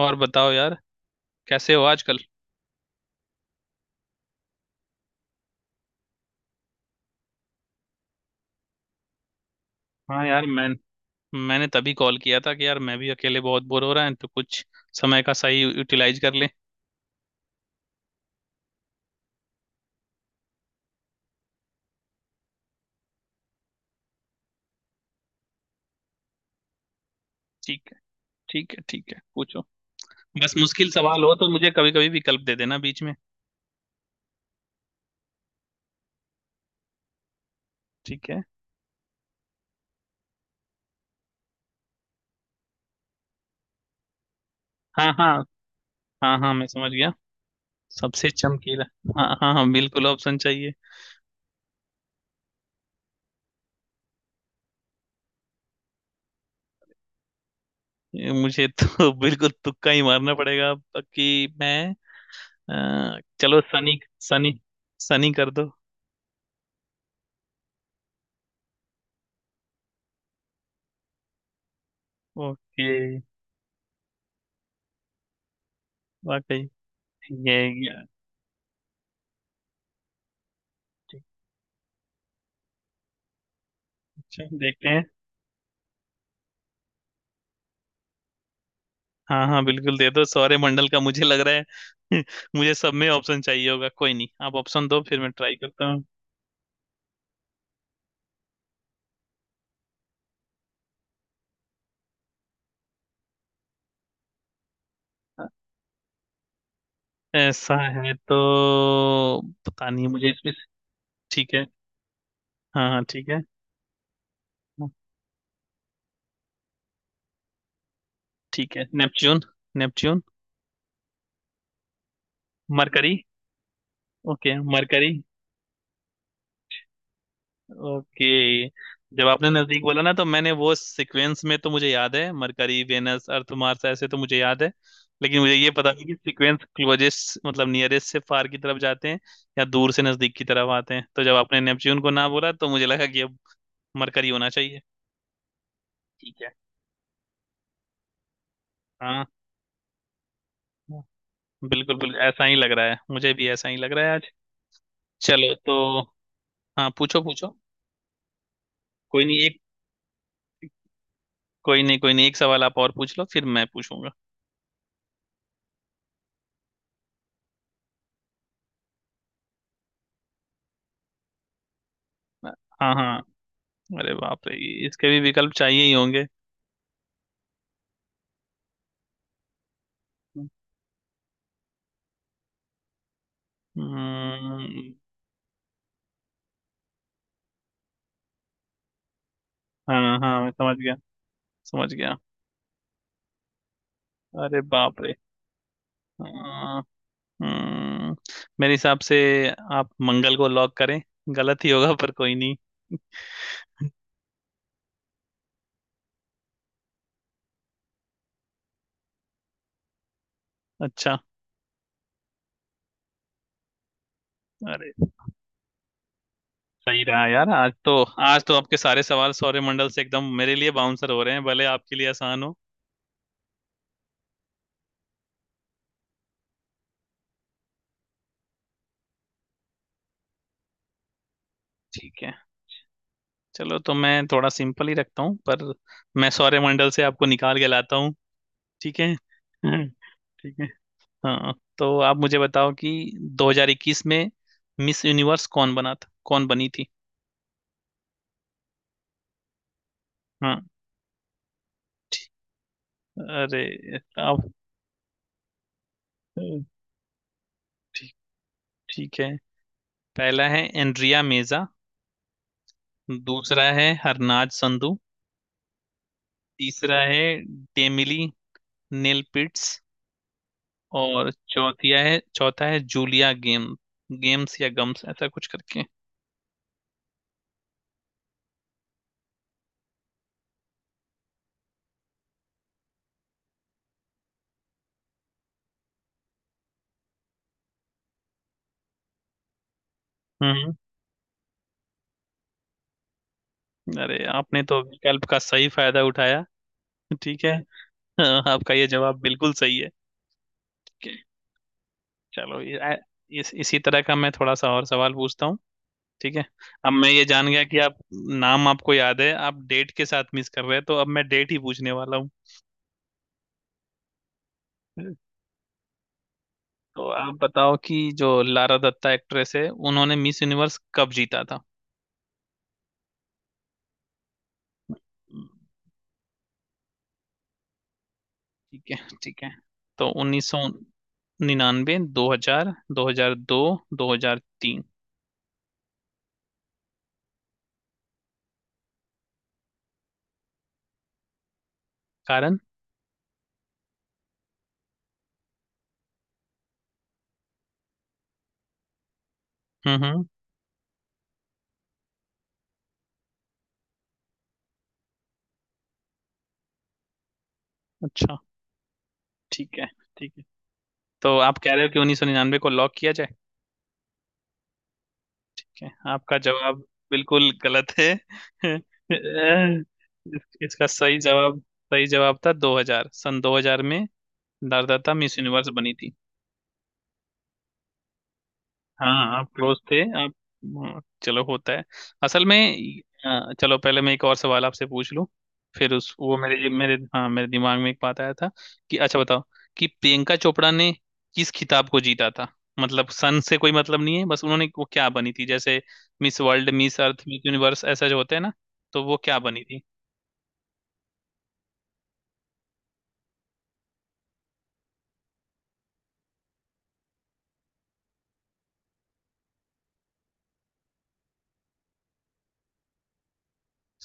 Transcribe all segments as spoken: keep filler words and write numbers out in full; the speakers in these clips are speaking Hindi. और बताओ यार, कैसे हो आजकल। हाँ यार, मैं मैंने तभी कॉल किया था कि यार, मैं भी अकेले बहुत बोर हो रहा है तो कुछ समय का सही यूटिलाइज कर लें। ठीक है। ठीक है, ठीक है, पूछो। बस मुश्किल सवाल हो तो मुझे कभी कभी विकल्प दे देना बीच में। ठीक है। हाँ हाँ। हाँ हाँ, मैं समझ गया। सबसे चमकीला। हाँ हाँ हाँ, बिल्कुल ऑप्शन चाहिए। ये मुझे तो बिल्कुल तुक्का ही मारना पड़ेगा अब, कि मैं अ, चलो सनी। सनी सनी कर दो। ओके। वाकई ये, ये चलो देखते हैं। हाँ हाँ, बिल्कुल दे दो, सौर्य मंडल का मुझे लग रहा है मुझे सब में ऑप्शन चाहिए होगा। कोई नहीं, आप ऑप्शन दो फिर मैं ट्राई करता हूँ। ऐसा है तो पता नहीं मुझे इसमें से- ठीक है। हाँ हाँ, ठीक है। ठीक है, Neptune. Neptune. Mercury. Okay Mercury. Okay, जब आपने नजदीक बोला ना तो मैंने वो सीक्वेंस में तो मुझे याद है मरकरी वेनस अर्थ मार्स, ऐसे तो मुझे याद है, लेकिन मुझे ये पता नहीं कि सीक्वेंस क्लोजेस्ट मतलब नियरेस्ट से फार की तरफ जाते हैं या दूर से नजदीक की तरफ आते हैं। तो जब आपने नेपच्यून को ना बोला तो मुझे लगा कि अब मरकरी होना चाहिए। ठीक है। हाँ, हाँ, बिल्कुल बिल्कुल ऐसा ही लग रहा है, मुझे भी ऐसा ही लग रहा है आज। चलो तो, हाँ पूछो पूछो। कोई नहीं एक, कोई नहीं, कोई नहीं एक सवाल आप और पूछ लो फिर मैं पूछूंगा। हाँ हाँ। अरे बाप रे, इसके भी विकल्प चाहिए ही होंगे। हम्म। हाँ हाँ, मैं समझ गया समझ गया। अरे बाप रे। हाँ। हम्म। मेरे हिसाब से आप मंगल को लॉक करें, गलत ही होगा पर कोई नहीं। अच्छा। अरे सही रहा यार आज तो। आज तो आपके सारे सवाल सौरमंडल से एकदम मेरे लिए बाउंसर हो रहे हैं, भले आपके लिए आसान हो। ठीक है। चलो तो मैं थोड़ा सिंपल ही रखता हूँ, पर मैं सौरमंडल से आपको निकाल के लाता हूँ। ठीक है ठीक है। हाँ तो आप मुझे बताओ कि दो हजार इक्कीस में मिस यूनिवर्स कौन बना था, कौन बनी थी। हाँ। ठीक- अरे आप, ठीक, ठीक है। पहला है एंड्रिया मेजा, दूसरा है हरनाज संधू, तीसरा है डेमिली नेल पिट्स, और चौथिया है चौथा है जूलिया गेम, गेम्स या गम्स ऐसा कुछ करके। हम्म। अरे आपने तो विकल्प का सही फायदा उठाया। ठीक है। हाँ, आपका ये जवाब बिल्कुल सही है। चलो ये- आ- इस, इसी तरह का मैं थोड़ा सा और सवाल पूछता हूँ। ठीक है। अब मैं ये जान गया कि आप नाम आपको याद है, आप डेट के साथ मिस कर रहे हैं, तो अब मैं डेट ही पूछने वाला हूँ। तो आप बताओ कि जो लारा दत्ता एक्ट्रेस है उन्होंने मिस यूनिवर्स कब जीता था। ठीक है, ठीक है। तो उन्नीस सौ निन्यानवे, दो हजार, दो हजार दो, दो हजार तीन। कारण। हम्म हम्म। अच्छा। ठीक है, ठीक है। तो आप कह रहे हो कि उन्नीस सौ निन्यानवे को लॉक किया। Okay, आपका जवाब बिल्कुल गलत है। इस- इसका सही जवाब सही जवाब था दो हजार, सन दो हजार में भारदाता मिस यूनिवर्स बनी थी। हाँ आप क्लोज थे, आप। हाँ, चलो होता है असल में। अ, चलो पहले मैं एक और सवाल आपसे पूछ लूं। फिर उस वो मेरे मेरे हाँ मेरे दिमाग में एक बात आया था कि, अच्छा बताओ कि प्रियंका चोपड़ा ने किस खिताब को जीता था। मतलब सन से कोई मतलब नहीं है, बस उन्होंने वो क्या बनी थी, जैसे Miss World, Miss Earth, Miss Universe ऐसा जो होते हैं ना, तो वो क्या बनी थी।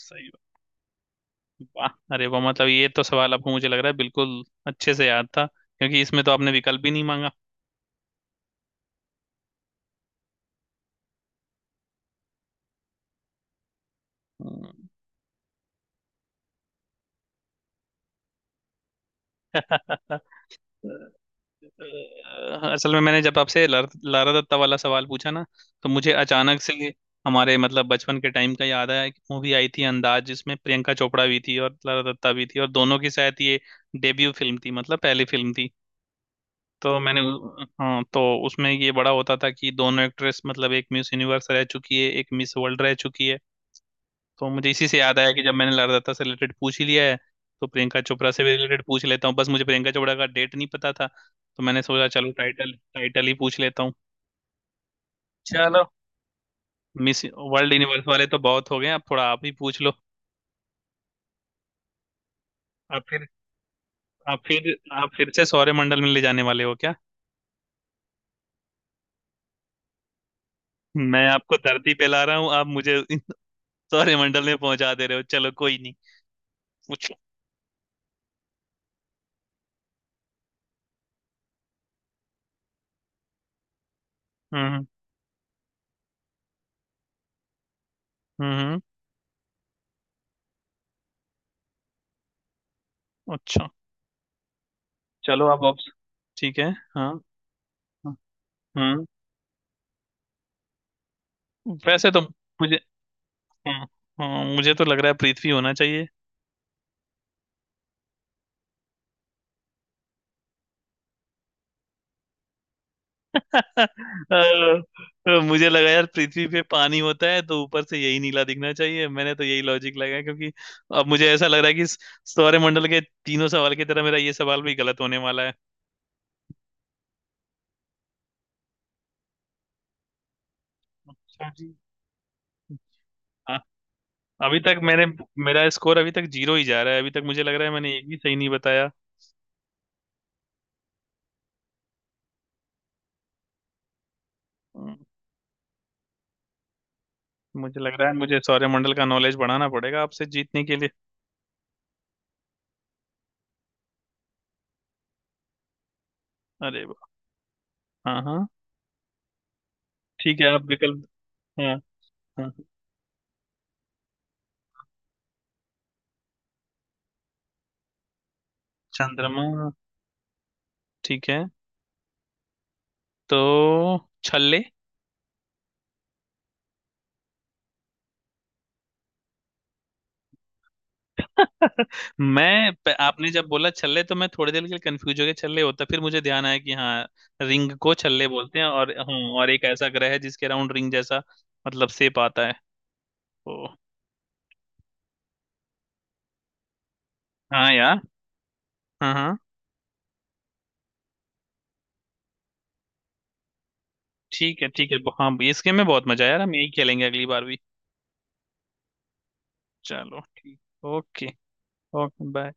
सही बात। वाह। अरे वाह, मतलब ये तो सवाल आपको मुझे लग रहा है बिल्कुल अच्छे से याद था, क्योंकि इसमें तो आपने विकल्प भी नहीं मांगा। हम्म। अ, असल में मैंने जब आपसे लार- लारा दत्ता वाला सवाल पूछा ना, तो मुझे अचानक से हमारे मतलब बचपन के टाइम का याद आया। एक मूवी आई थी अंदाज, जिसमें प्रियंका चोपड़ा भी थी और लारा दत्ता भी थी, और दोनों की शायद ये डेब्यू फिल्म थी, मतलब पहली फिल्म थी। तो मैंने उ- हाँ, तो उसमें ये बड़ा होता था कि दोनों एक्ट्रेस मतलब एक मिस यूनिवर्स रह चुकी है, एक मिस वर्ल्ड रह चुकी है। तो मुझे इसी से याद आया कि जब मैंने लारदाता से रिलेटेड पूछ ही लिया है तो प्रियंका चोपड़ा से भी रिलेटेड पूछ लेता हूँ। बस मुझे प्रियंका चोपड़ा का डेट नहीं पता था तो मैंने सोचा चलो टाइटल टाइटल ही पूछ लेता हूँ। चलो, मिस वर्ल्ड यूनिवर्स वाले तो बहुत हो गए, अब थोड़ा आप ही पूछ लो। आप फिर आप फिर आप फिर से सौरमंडल में ले जाने वाले हो क्या। मैं आपको धरती पे ला रहा हूँ, आप मुझे इन सौरमंडल में पहुंचा दे रहे हो, चलो कोई नहीं। पूछो। हम्म हम्म। अच्छा। चलो, आप ऑप्शन। ठीक है, हाँ हाँ। हम्म। वैसे तो मुझे हाँ, हाँ, मुझे तो लग रहा है पृथ्वी होना चाहिए। अ, मुझे लगा यार पृथ्वी पे पानी होता है तो ऊपर से यही नीला दिखना चाहिए, मैंने तो यही लॉजिक लगाया, क्योंकि अब मुझे ऐसा लग रहा है कि इस सौरमंडल के तीनों सवाल की तरह मेरा ये सवाल भी गलत होने वाला है। अच्छा जी। हाँ। अभी तक मैंने मेरा स्कोर अभी तक जीरो ही जा रहा है, अभी तक मुझे लग रहा है मैंने एक भी सही नहीं बताया। हम्म, मुझे लग रहा है मुझे सौरमंडल का नॉलेज बढ़ाना पड़ेगा आपसे जीतने के लिए। अरे वाह। हाँ हाँ। ठीक है, आप विकल्प। हाँ हाँ। चंद्रमा। ठीक है, तो छल्ले। मैं प- आपने जब बोला छल्ले तो मैं थोड़ी देर के लिए कंफ्यूज हो गया छल्ले होता, फिर मुझे ध्यान आया कि हाँ, रिंग को छल्ले बोलते हैं, और हाँ, और एक ऐसा ग्रह है जिसके अराउंड रिंग जैसा मतलब शेप आता है तो। हाँ यार। हाँ हाँ। ठीक है, ठीक है। ब- हाँ, इसके में बहुत मजा आया यार, हम यही खेलेंगे अगली बार भी। चलो ठीक। ओके। Okay bye.